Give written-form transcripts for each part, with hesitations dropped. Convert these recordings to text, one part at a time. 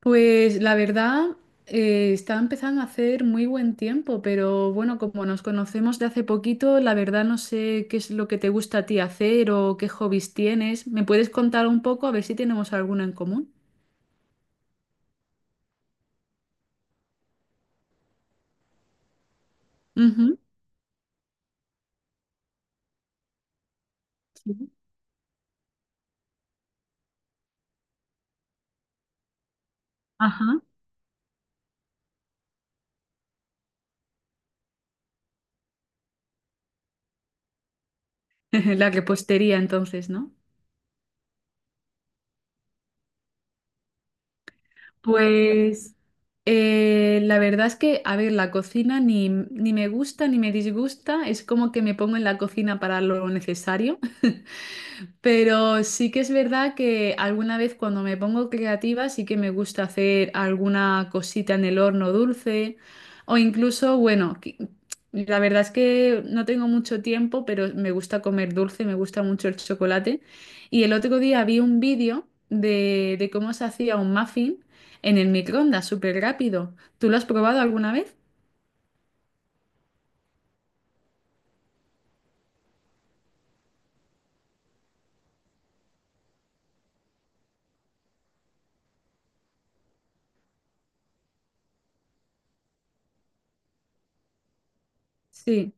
Pues la verdad, está empezando a hacer muy buen tiempo, pero bueno, como nos conocemos de hace poquito, la verdad no sé qué es lo que te gusta a ti hacer o qué hobbies tienes. ¿Me puedes contar un poco a ver si tenemos alguno en común? Ujú. Sí. Ajá. La repostería entonces, ¿no? Pues la verdad es que, a ver, la cocina ni me gusta ni me disgusta, es como que me pongo en la cocina para lo necesario. Pero sí que es verdad que alguna vez cuando me pongo creativa sí que me gusta hacer alguna cosita en el horno dulce o incluso, bueno, la verdad es que no tengo mucho tiempo, pero me gusta comer dulce, me gusta mucho el chocolate. Y el otro día vi un vídeo de cómo se hacía un muffin en el microondas, súper rápido. ¿Tú lo has probado alguna vez? Sí.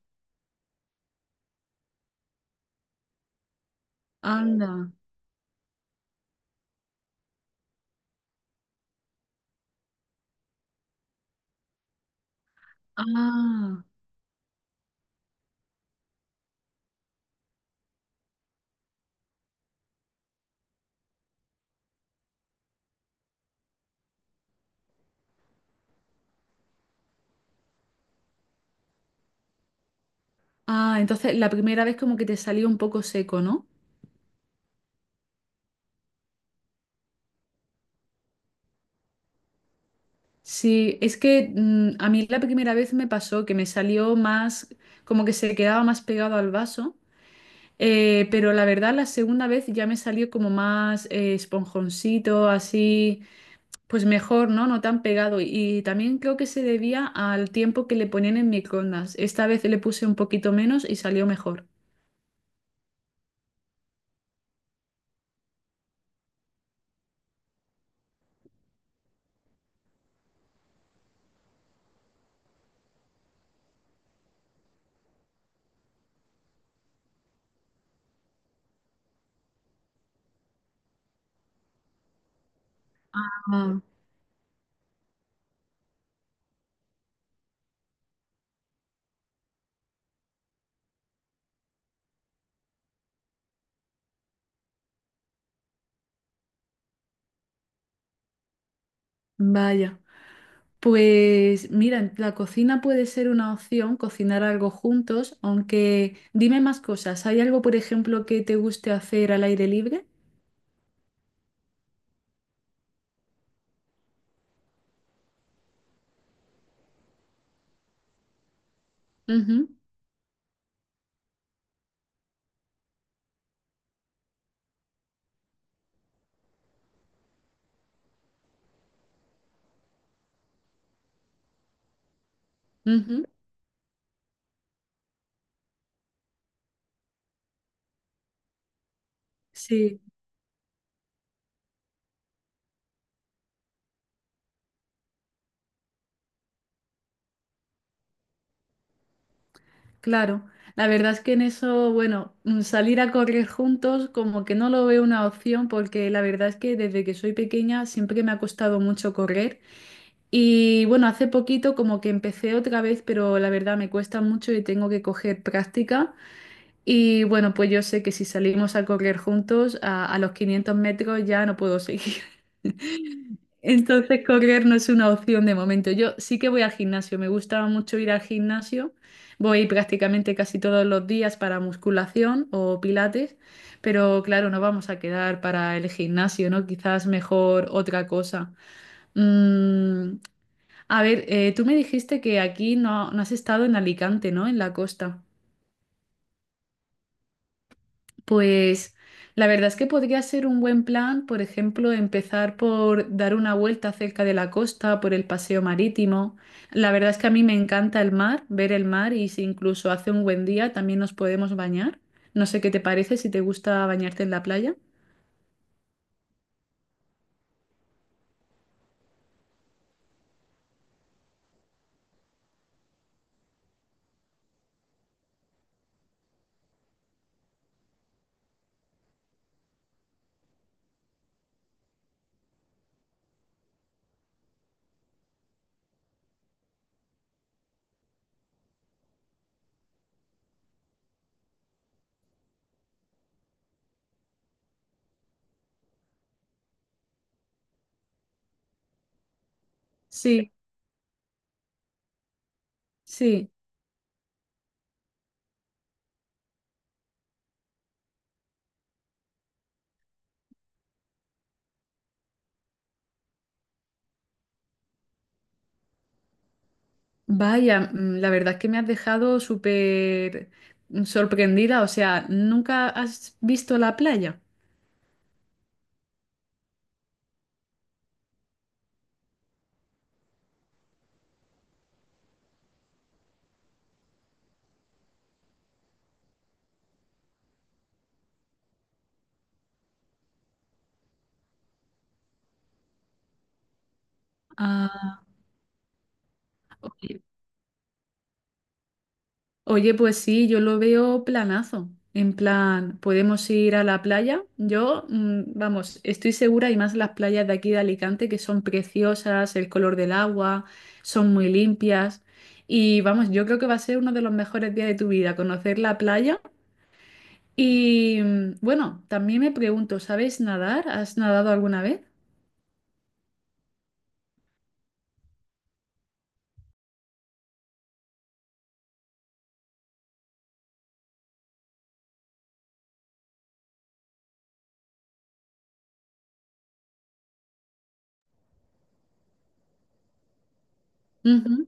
Anda. Ah. Ah, entonces la primera vez como que te salió un poco seco, ¿no? Sí, es que a mí la primera vez me pasó que me salió más, como que se quedaba más pegado al vaso, pero la verdad la segunda vez ya me salió como más esponjoncito, así, pues mejor, ¿no? No tan pegado. Y también creo que se debía al tiempo que le ponían en microondas. Esta vez le puse un poquito menos y salió mejor. Ah, vaya. Pues mira, en la cocina puede ser una opción cocinar algo juntos, aunque dime más cosas. ¿Hay algo, por ejemplo, que te guste hacer al aire libre? Ujú, ujú, sí, claro. La verdad es que en eso, bueno, salir a correr juntos como que no lo veo una opción porque la verdad es que desde que soy pequeña siempre me ha costado mucho correr. Y bueno, hace poquito como que empecé otra vez, pero la verdad me cuesta mucho y tengo que coger práctica. Y bueno, pues yo sé que si salimos a correr juntos, a los 500 metros ya no puedo seguir. Entonces, correr no es una opción de momento. Yo sí que voy al gimnasio, me gusta mucho ir al gimnasio. Voy prácticamente casi todos los días para musculación o pilates, pero claro, no vamos a quedar para el gimnasio, ¿no? Quizás mejor otra cosa. Mm, a ver, tú me dijiste que aquí no has estado en Alicante, ¿no? En la costa. Pues la verdad es que podría ser un buen plan, por ejemplo, empezar por dar una vuelta cerca de la costa, por el paseo marítimo. La verdad es que a mí me encanta el mar, ver el mar y si incluso hace un buen día también nos podemos bañar. No sé qué te parece, si te gusta bañarte en la playa. Sí, sí. Vaya, mm, la verdad es que me has dejado súper sorprendida. O sea, ¿nunca has visto la playa? Ah, ok. Oye, pues sí, yo lo veo planazo. En plan, podemos ir a la playa. Yo, mm, vamos, estoy segura y más las playas de aquí de Alicante que son preciosas, el color del agua, son muy limpias. Y vamos, yo creo que va a ser uno de los mejores días de tu vida, conocer la playa. Y mm, bueno, también me pregunto, ¿sabes nadar? ¿Has nadado alguna vez? Ujú.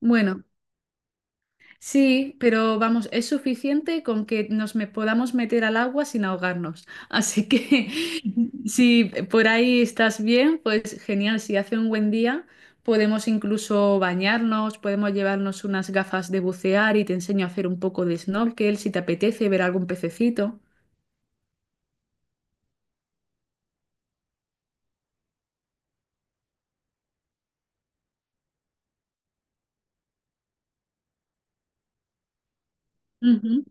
Bueno, sí, pero vamos, es suficiente con que nos me podamos meter al agua sin ahogarnos. Así que si por ahí estás bien, pues genial. Si hace un buen día, podemos incluso bañarnos, podemos llevarnos unas gafas de bucear y te enseño a hacer un poco de snorkel si te apetece ver algún pececito. Ujú.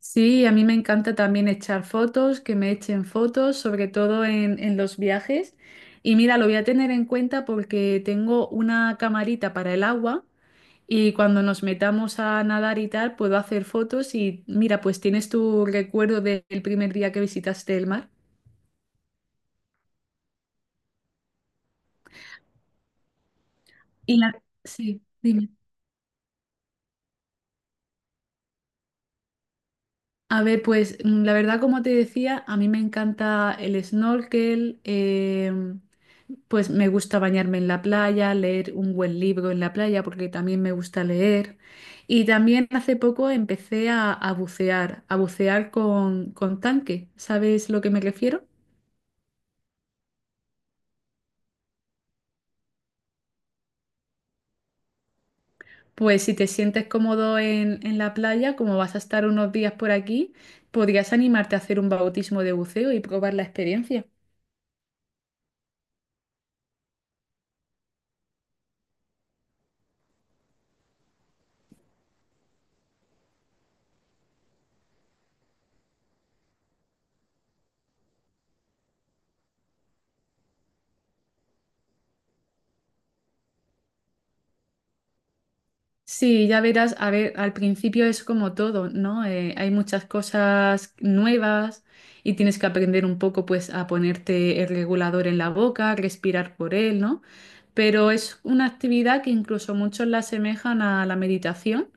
Sí, a mí me encanta también echar fotos, que me echen fotos, sobre todo en los viajes. Y mira, lo voy a tener en cuenta porque tengo una camarita para el agua y cuando nos metamos a nadar y tal, puedo hacer fotos y mira, pues tienes tu recuerdo del primer día que visitaste el mar. Y la... Sí, dime. A ver, pues mm, la verdad, como te decía, a mí me encanta el snorkel, em, pues me gusta bañarme en la playa, leer un buen libro en la playa, porque también me gusta leer. Y también hace poco empecé a bucear con tanque. ¿Sabes lo que me refiero? Pues si te sientes cómodo en la playa, como vas a estar unos días por aquí, podrías animarte a hacer un bautismo de buceo y probar la experiencia. Sí, ya verás, a ver, al principio es como todo, ¿no? Hay muchas cosas nuevas y tienes que aprender un poco, pues, a ponerte el regulador en la boca, respirar por él, ¿no? Pero es una actividad que incluso muchos la asemejan a la meditación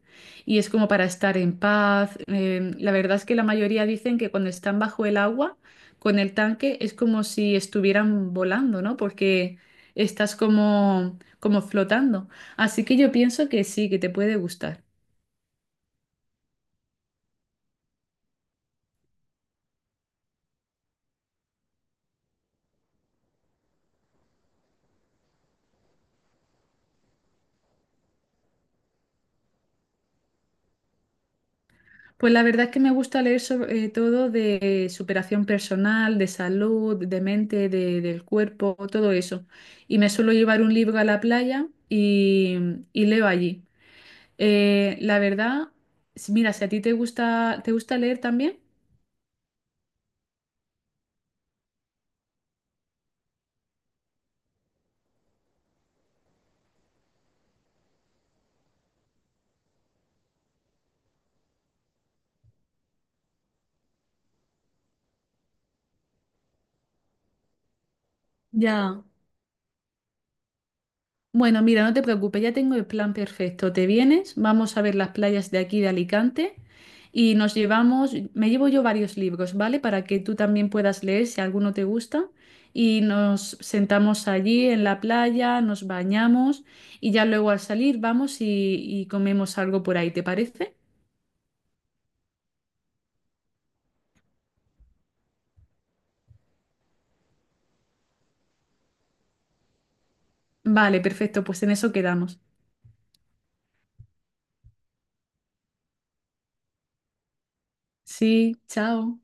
y es como para estar en paz. La verdad es que la mayoría dicen que cuando están bajo el agua, con el tanque, es como si estuvieran volando, ¿no? Porque estás como, como flotando. Así que yo pienso que sí, que te puede gustar. Pues la verdad es que me gusta leer sobre todo de superación personal, de salud, de mente, del cuerpo, todo eso. Y me suelo llevar un libro a la playa y leo allí. La verdad, mira, si a ti ¿te gusta leer también? Ya. Bueno, mira, no te preocupes, ya tengo el plan perfecto. Te vienes, vamos a ver las playas de aquí de Alicante y nos llevamos, me llevo yo varios libros, ¿vale? Para que tú también puedas leer si alguno te gusta. Y nos sentamos allí en la playa, nos bañamos y ya luego al salir vamos y comemos algo por ahí, ¿te parece? Vale, perfecto, pues en eso quedamos. Sí, chao.